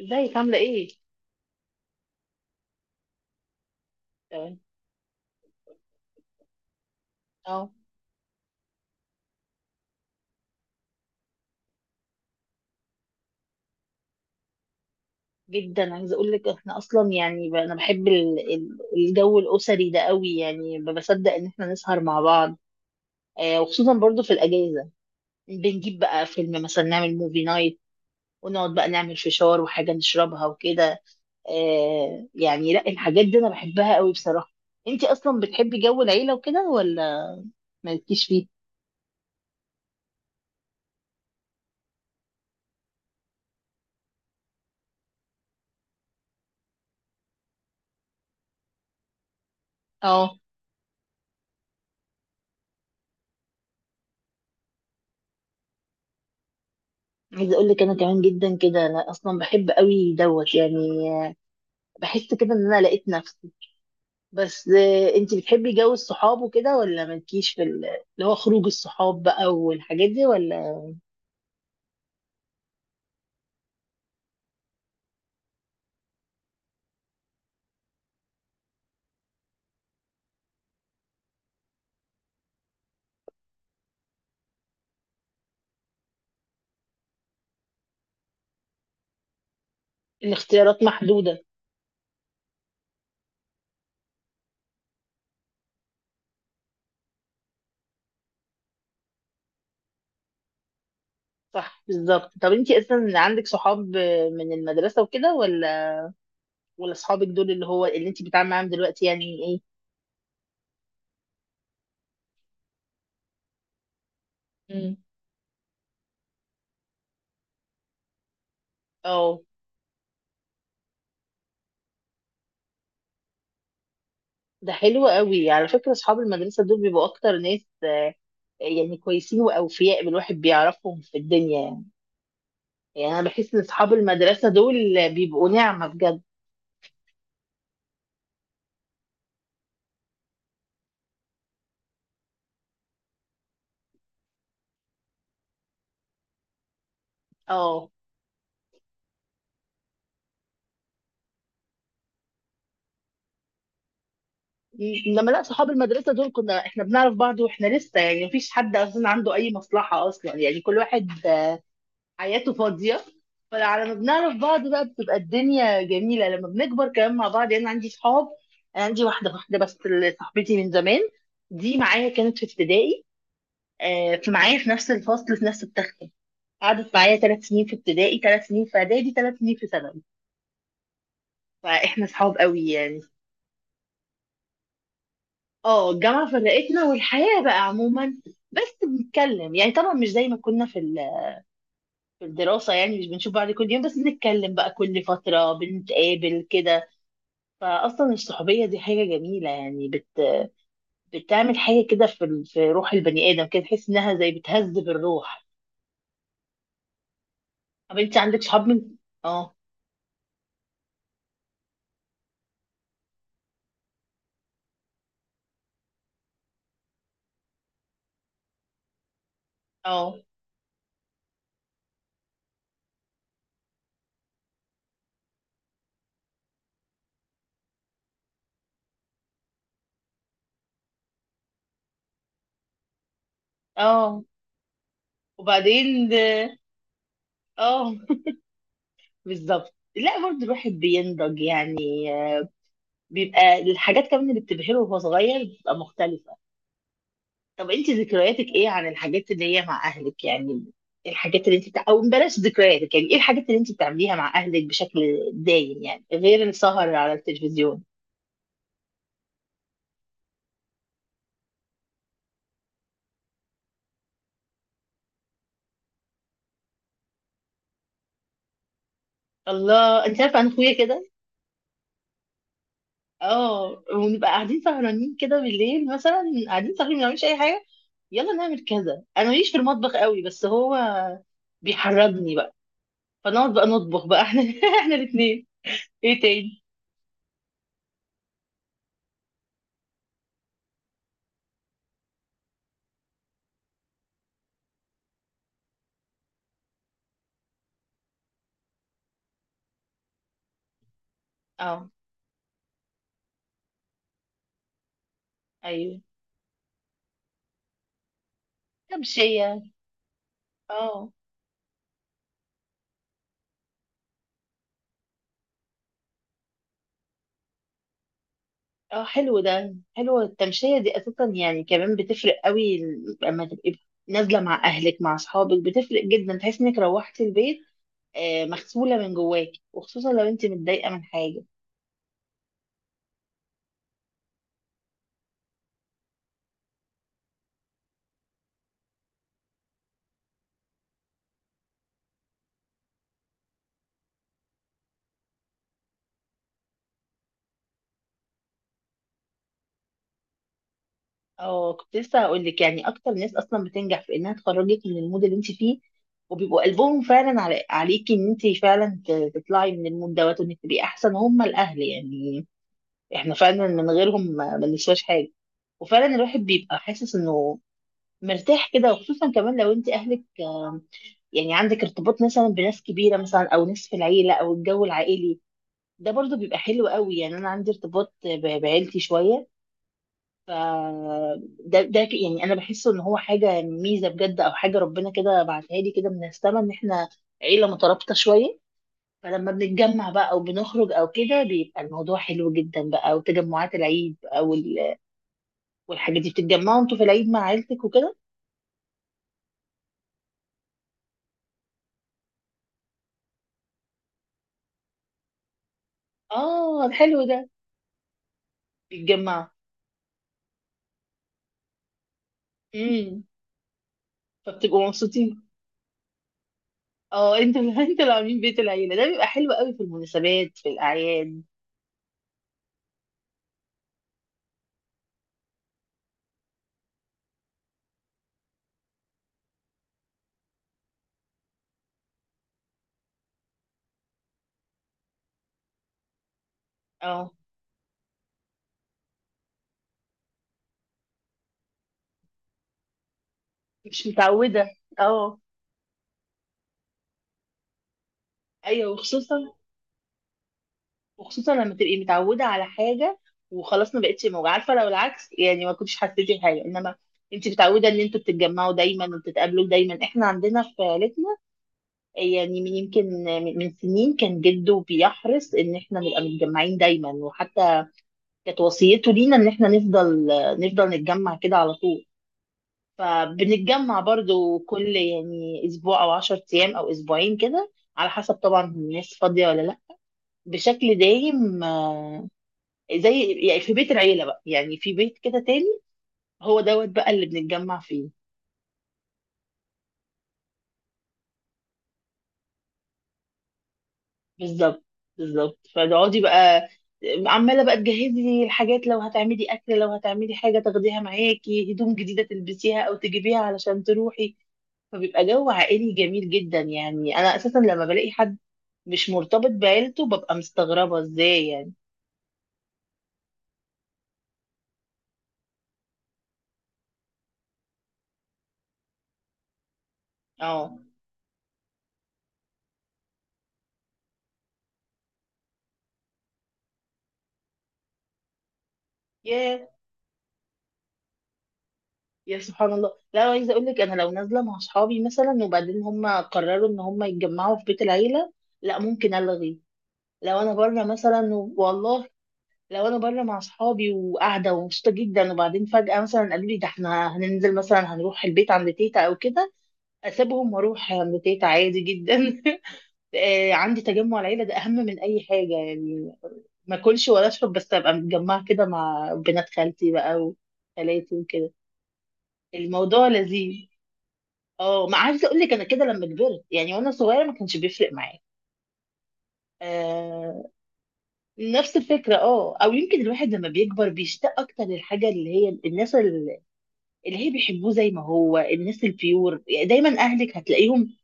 ازيك عاملة ايه؟ تمام. اه. جدا عايزة اقول لك احنا اصلا يعني انا بحب الجو الاسري ده قوي يعني ما بصدق ان احنا نسهر مع بعض. آه، وخصوصا برضو في الاجازة. بنجيب بقى فيلم مثلا نعمل موفي نايت، ونقعد بقى نعمل فشار وحاجة نشربها وكده. آه، يعني لا، الحاجات دي انا بحبها قوي بصراحة. انتي اصلا بتحبي جو العيلة وكده ولا مالكيش فيه؟ اه. عايزة اقول لك انا كمان جدا كده، انا اصلا بحب قوي دوت يعني. بحس كده ان انا لقيت نفسي. بس انت بتحبي جو الصحاب وكده ولا مالكيش في اللي هو خروج الصحاب بقى والحاجات دي ولا الاختيارات محدودة؟ صح، بالظبط. طب انت اصلا عندك صحاب من المدرسة وكده، ولا ولا صحابك دول اللي هو اللي انت بتتعاملي معاهم دلوقتي يعني ايه؟ مم. اه. ده حلو قوي على فكرة، صحاب المدرسة دول بيبقوا اكتر ناس يعني كويسين واوفياء الواحد بيعرفهم في الدنيا يعني. يعني انا بحس ان صحاب المدرسة دول بيبقوا نعمة بجد. اه. لما لا، صحاب المدرسه دول كنا احنا بنعرف بعض واحنا لسه، يعني مفيش حد اصلا عنده اي مصلحه اصلا، يعني كل واحد حياته فاضيه. فعلى ما بنعرف بعض بقى بتبقى الدنيا جميله لما بنكبر كمان مع بعض. يعني انا عندي صحاب، أنا عندي واحده واحده بس اللي صاحبتي من زمان، دي معايا كانت في ابتدائي. في معايا في نفس الفصل في نفس التختة، قعدت معايا ثلاث سنين في ابتدائي، ثلاث سنين في اعدادي، ثلاث سنين في ثانوي، فاحنا صحاب قوي يعني. اه، الجامعة فرقتنا والحياة بقى عموما. بس بنتكلم يعني، طبعا مش زي ما كنا في في الدراسة، يعني مش بنشوف بعض كل يوم، بس بنتكلم بقى كل فترة بنتقابل كده. فأصلا الصحوبية دي حاجة جميلة، يعني بتعمل حاجة كده في في روح البني آدم كده، تحس إنها زي بتهذب الروح. طب أنت عندك صحاب من اه. اه. اه. وبعدين ده- اه. بالظبط، لا برضه الواحد بينضج يعني، بيبقى الحاجات كمان اللي بتبهره وهو صغير بتبقى مختلفة. طب انت ذكرياتك ايه عن الحاجات اللي هي مع اهلك يعني، الحاجات اللي انت او بلاش ذكرياتك، يعني ايه الحاجات اللي انت بتعمليها مع اهلك بشكل دايم يعني غير السهر على التلفزيون؟ الله، انت عارفه انا اخويا كده. اه، ونبقى قاعدين سهرانين كده بالليل، مثلا قاعدين سهرانين ما بنعملش اي حاجه، يلا نعمل كذا. انا ماليش في المطبخ قوي بس هو بيحرجني بقى، فنقعد بقى نطبخ بقى احنا احنا الاثنين. ايه تاني؟ اه. ايوه. كبشيه. اه. اه، حلو ده، حلوة التمشية دي اساسا يعني، كمان بتفرق قوي لما تبقي نازلة مع اهلك مع اصحابك، بتفرق جدا، تحس انك روحتي البيت مغسولة من جواكي، وخصوصا لو انت متضايقة من حاجة. اه، كنت لسه هقول لك، يعني اكتر ناس اصلا بتنجح في انها تخرجك من المود اللي انت فيه، وبيبقوا قلبهم فعلا عليكي ان انت فعلا تطلعي من المود دوت، وانك تبقي احسن هم الاهل يعني. احنا فعلا من غيرهم ما بنسواش حاجة، وفعلا الواحد بيبقى حاسس انه مرتاح كده. وخصوصا كمان لو انت اهلك، يعني عندك ارتباط مثلا بناس كبيره مثلا، او ناس في العيله او الجو العائلي ده، برضو بيبقى حلو قوي. يعني انا عندي ارتباط بعيلتي شويه، ف يعني انا بحسه ان هو حاجه ميزه بجد، او حاجه ربنا كده بعتها لي كده من السما، ان احنا عيله مترابطه شويه. فلما بنتجمع بقى او بنخرج او كده بيبقى الموضوع حلو جدا بقى، وتجمعات العيد او والحاجات دي، بتتجمعوا انتوا في العيد مع عيلتك وكده؟ اه حلو ده. بيتجمعوا. امم. فبتبقوا مبسوطين. اه، انت انت اللي عاملين بيت العيله، ده بيبقى حلو قوي في المناسبات في الاعياد. اه، مش متعوده. اه. ايوه، وخصوصا، وخصوصا لما تبقي متعوده على حاجه وخلاص ما بقتش موجوده، عارفه لو العكس يعني ما كنتش حسيتي بحاجه، انما انت متعوده ان انتوا بتتجمعوا دايما وبتتقابلوا دايما. احنا عندنا في عيلتنا، يعني من يمكن من سنين، كان جده بيحرص ان احنا نبقى متجمعين دايما، وحتى كانت وصيته لينا ان احنا نفضل نتجمع كده على طول. فبنتجمع برضو كل يعني اسبوع او عشر ايام او اسبوعين كده، على حسب طبعا الناس فاضية ولا لا، بشكل دايم. زي يعني في بيت العيلة بقى، يعني في بيت كده تاني، هو دوت بقى اللي بنتجمع فيه. بالظبط، بالظبط. فتقعدي بقى عمالة بقى تجهزي الحاجات، لو هتعملي أكل، لو هتعملي حاجة تاخديها معاكي، هدوم جديدة تلبسيها أو تجيبيها علشان تروحي. فبيبقى جو عائلي جميل جدا. يعني أنا أساسا لما بلاقي حد مش مرتبط بعيلته ببقى مستغربة، ازاي يعني؟ اه. يا يا سبحان الله. لا، عايزة اقول لك، انا لو نازلة مع اصحابي مثلا وبعدين هم قرروا ان هم يتجمعوا في بيت العيلة، لا ممكن الغي. لو انا بره مثلا والله لو انا بره مع اصحابي وقاعدة ومبسوطة جدا، وبعدين فجأة مثلا قالوا لي ده احنا هننزل، مثلا هنروح البيت عند تيتا او كده، اسيبهم واروح عند تيتا عادي جدا. عندي تجمع العيلة ده أهم من أي حاجة يعني، ما أكلش ولا أشرب بس أبقى متجمعة كده مع بنات خالتي بقى وخالاتي وكده. الموضوع لذيذ. اه، ما عايزة أقول لك، أنا كده لما كبرت، يعني وأنا صغيرة ما كانش بيفرق معايا. آه، نفس الفكرة. اه، أو يمكن الواحد لما بيكبر بيشتاق أكتر للحاجة اللي هي الناس اللي اللي هي بيحبوه، زي ما هو الناس البيور يعني، دايما أهلك هتلاقيهم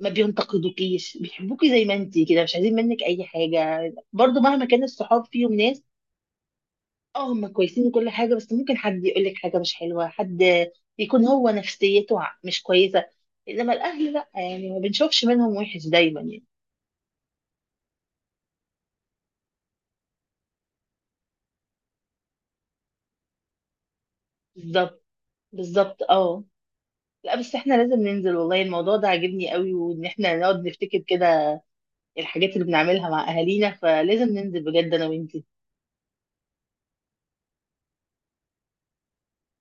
ما بينتقدوكيش، بيحبوكي زي ما انتي كده، مش عايزين منك أي حاجة. برضو مهما كان الصحاب فيهم ناس، اه، هم كويسين وكل حاجة، بس ممكن حد يقول لك حاجة مش حلوة، حد يكون هو نفسيته مش كويسة، انما الاهل لا، يعني ما بنشوفش منهم وحش دايما يعني. بالظبط، بالظبط. اه، لا بس احنا لازم ننزل والله، الموضوع ده عاجبني قوي، وان احنا نقعد نفتكر كده الحاجات اللي بنعملها مع اهالينا، فلازم ننزل بجد انا وانتي.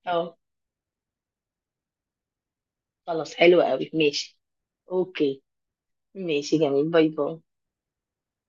اه، خلاص حلو قوي، ماشي. اوكي. ماشي جميل، باي باي.